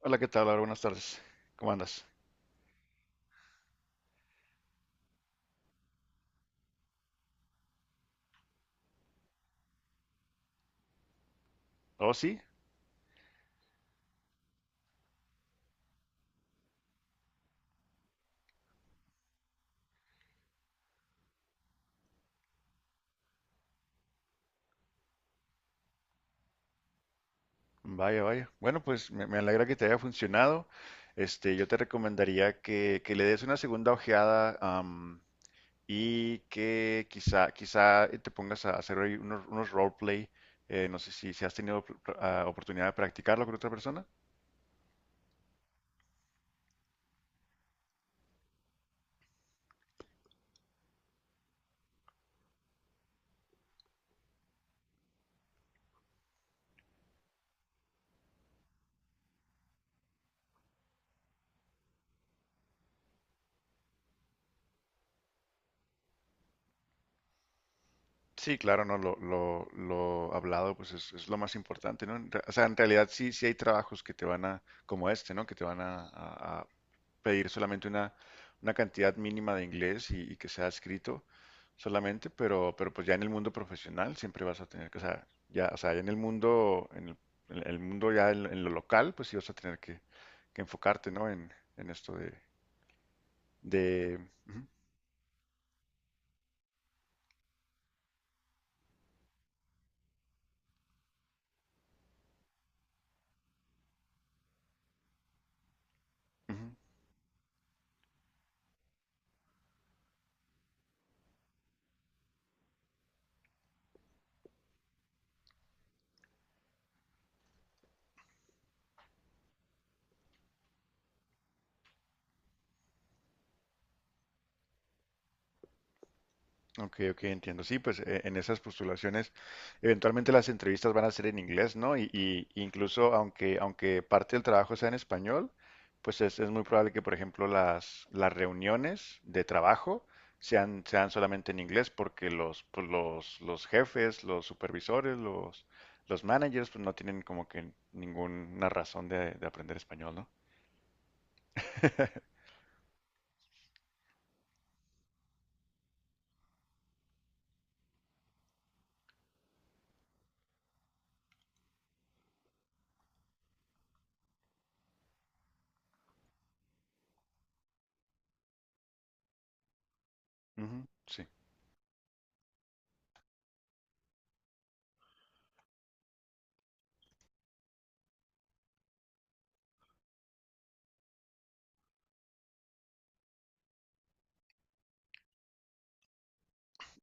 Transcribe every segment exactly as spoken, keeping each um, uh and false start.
Hola, ¿qué tal, Laura? Buenas tardes. ¿Cómo andas? Oh, sí, vaya, vaya. Bueno, pues me, me alegra que te haya funcionado. Este, yo te recomendaría que, que le des una segunda ojeada, am, y que quizá, quizá eh, te pongas a hacer ahí unos, unos roleplay. Eh, no sé si, si has tenido pr- pr- ah, oportunidad de practicarlo con otra persona. Sí, claro, no, lo, lo, lo hablado pues es, es lo más importante, ¿no? En re- O sea, en realidad sí, sí hay trabajos que te van a, como este, ¿no? Que te van a, pedir solamente una, una cantidad mínima de inglés y, y que sea escrito solamente, pero, pero pues ya en el mundo profesional siempre vas a tener que, o sea, ya, o sea, ya en el mundo, en el, en el mundo ya en, en lo local, pues sí vas a tener que, que enfocarte, ¿no? En, en esto de, de, ujú, ujú. Ok, ok, entiendo. Sí, pues eh, en esas postulaciones, eventualmente las entrevistas van a ser en inglés, ¿no? Y, y incluso aunque, aunque parte del trabajo sea en español, pues es, es muy probable que, por ejemplo, las, las reuniones de trabajo sean, sean solamente en inglés, porque los, pues, los, los jefes, los supervisores, los, los managers, pues no tienen como que ninguna razón de, de aprender español, ¿no? Ujú, sí.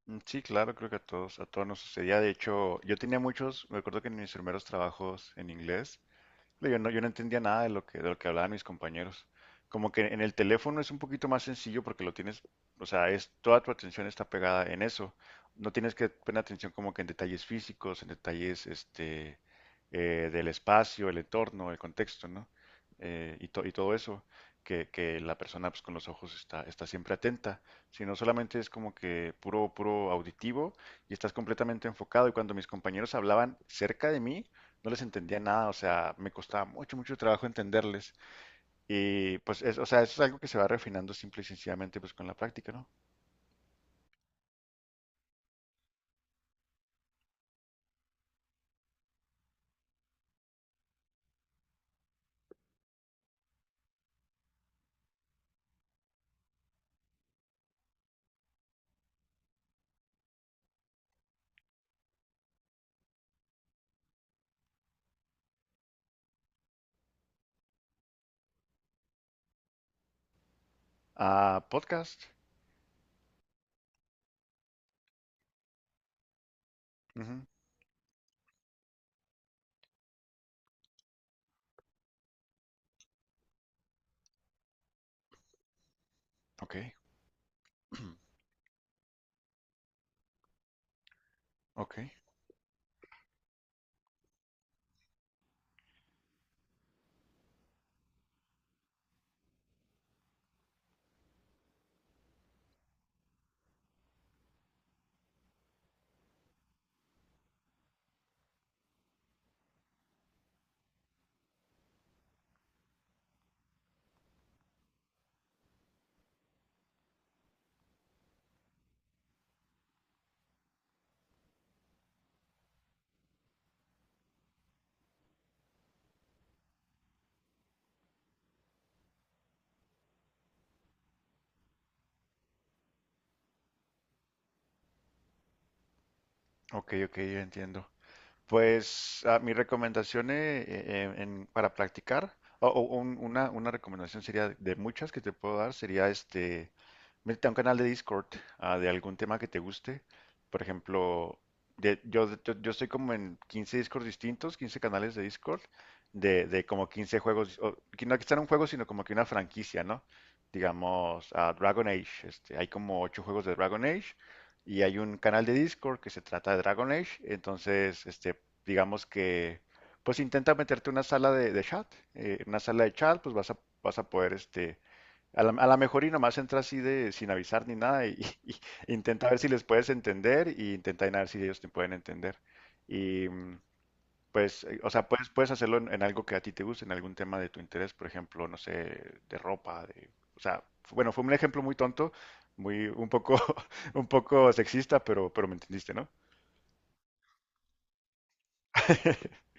Mm, Sí, claro, creo que a todos, a todos nos sucedía. De hecho, yo tenía muchos, me acuerdo que en mis primeros trabajos en inglés, yo no, yo no entendía nada de lo que, de lo que hablaban mis compañeros. Como que en el teléfono es un poquito más sencillo porque lo tienes, o sea, es toda tu atención está pegada en eso. No tienes que poner atención como que en detalles físicos, en detalles este, eh, del espacio, el entorno, el contexto, ¿no? Eh, y, to- y todo eso, que, que la persona pues, con los ojos está, está siempre atenta, sino solamente es como que puro, puro auditivo y estás completamente enfocado. Y cuando mis compañeros hablaban cerca de mí, no les entendía nada, o sea, me costaba mucho, mucho trabajo entenderles. Y pues, es, o sea, eso es algo que se va refinando simple y sencillamente pues con la práctica, ¿no? Ah, podcast. Ujú, ok, ok, ok, ok, yo entiendo. Pues ah, mi recomendación eh, eh, en- para practicar, o, o un- una, una recomendación sería de muchas que te puedo dar, sería este, métete a un canal de Discord, ah, de algún tema que te guste. Por ejemplo, de, yo, yo, yo estoy como en quince Discord distintos, quince canales de Discord, de, de como quince juegos, o, que no que sean un juego, sino como que una franquicia, ¿no? Digamos, ah, Dragon Age, este, hay como ocho juegos de Dragon Age y hay un canal de Discord que se trata de Dragon Age, entonces, este, digamos que, pues intenta meterte una sala de, de chat, eh, en una sala de chat, pues vas a, vas a poder, este, a la, a la mejor y nomás entra así de, sin avisar ni nada, y, y y intenta ver si les puedes entender, y intenta ver si ellos te pueden entender. Y mm, pues, eh, o sea, puedes, puedes hacerlo en, en algo que a ti te guste, en algún tema de tu interés, por ejemplo, no sé, de ropa, de, o sea, fu- bueno, fue un ejemplo muy tonto, muy, un poco, un poco sexista, pero, pero me entendiste, ¿no?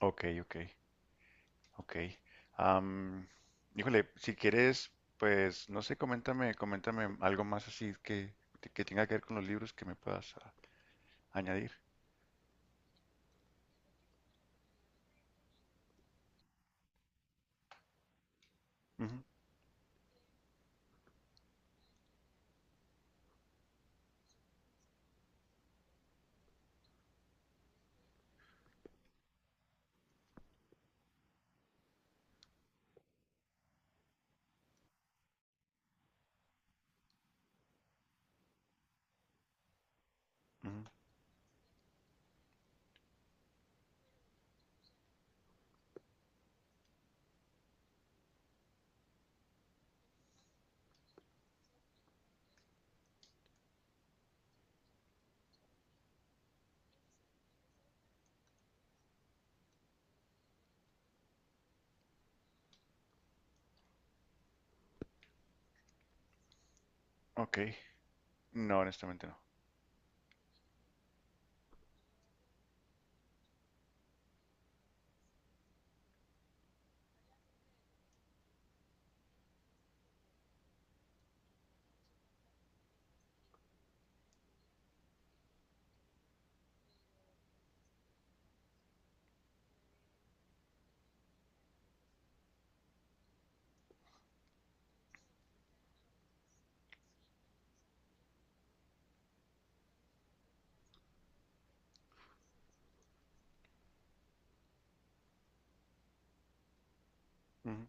Ok, ok, ok. Am, Híjole, si quieres, pues, no sé, coméntame, coméntame algo más así que, que tenga que ver con los libros que me puedas ah, añadir. Ujú, ujú. Ok, no, honestamente no.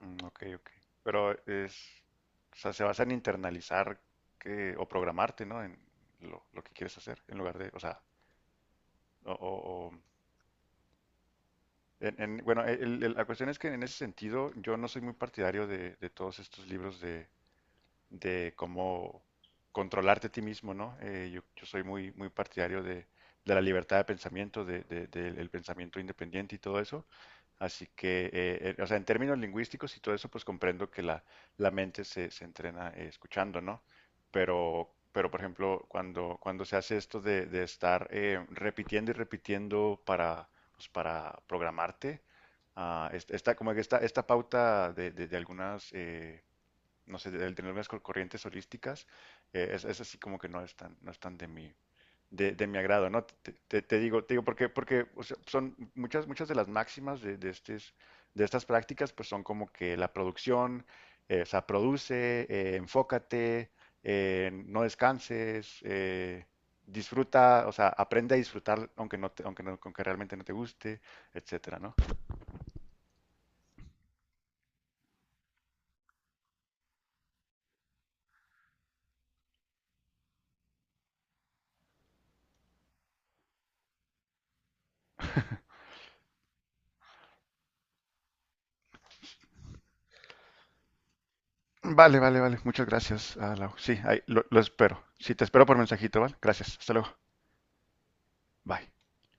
Mm, ok, ok. Pero es, o sea, se basa en internalizar que, o programarte, ¿no? En lo, lo que quieres hacer, en lugar de, o sea, o, o- o- en, en- bueno, el- el- la cuestión es que en ese sentido yo no soy muy partidario de, de todos estos libros de cómo controlarte a ti mismo, ¿no? Eh, yo, yo soy muy, muy partidario de, de la libertad de pensamiento, de, de- del pensamiento independiente y todo eso. Así que, eh, eh, o sea, en términos lingüísticos y todo eso, pues comprendo que la, la mente se, se entrena eh, escuchando, ¿no? Pero, pero, por ejemplo, cuando, cuando se hace esto de, de estar eh, repitiendo y repitiendo para, pues, para programarte, ah, es- esta, como que esta, esta pauta de, de- de algunas eh, no sé, el tener unas cor- corrientes holísticas, eh, es, es así como que no es tan, no es tan de mi, de, de mi agrado, ¿no? Te, te- te digo, te digo porque, porque o sea, son muchas, muchas de las máximas de, de, estes- de estas prácticas, pues son como que la producción, eh, o sea, produce, eh, enfócate, eh, no descanses, eh, disfruta, o sea, aprende a disfrutar aunque no te- aunque no- aunque realmente no te guste, etcétera, ¿no? Vale, vale, vale. Muchas gracias, ah, Lau. Sí, ahí, lo, lo espero. Sí, te espero por mensajito, ¿vale? Gracias. Hasta luego. Bye.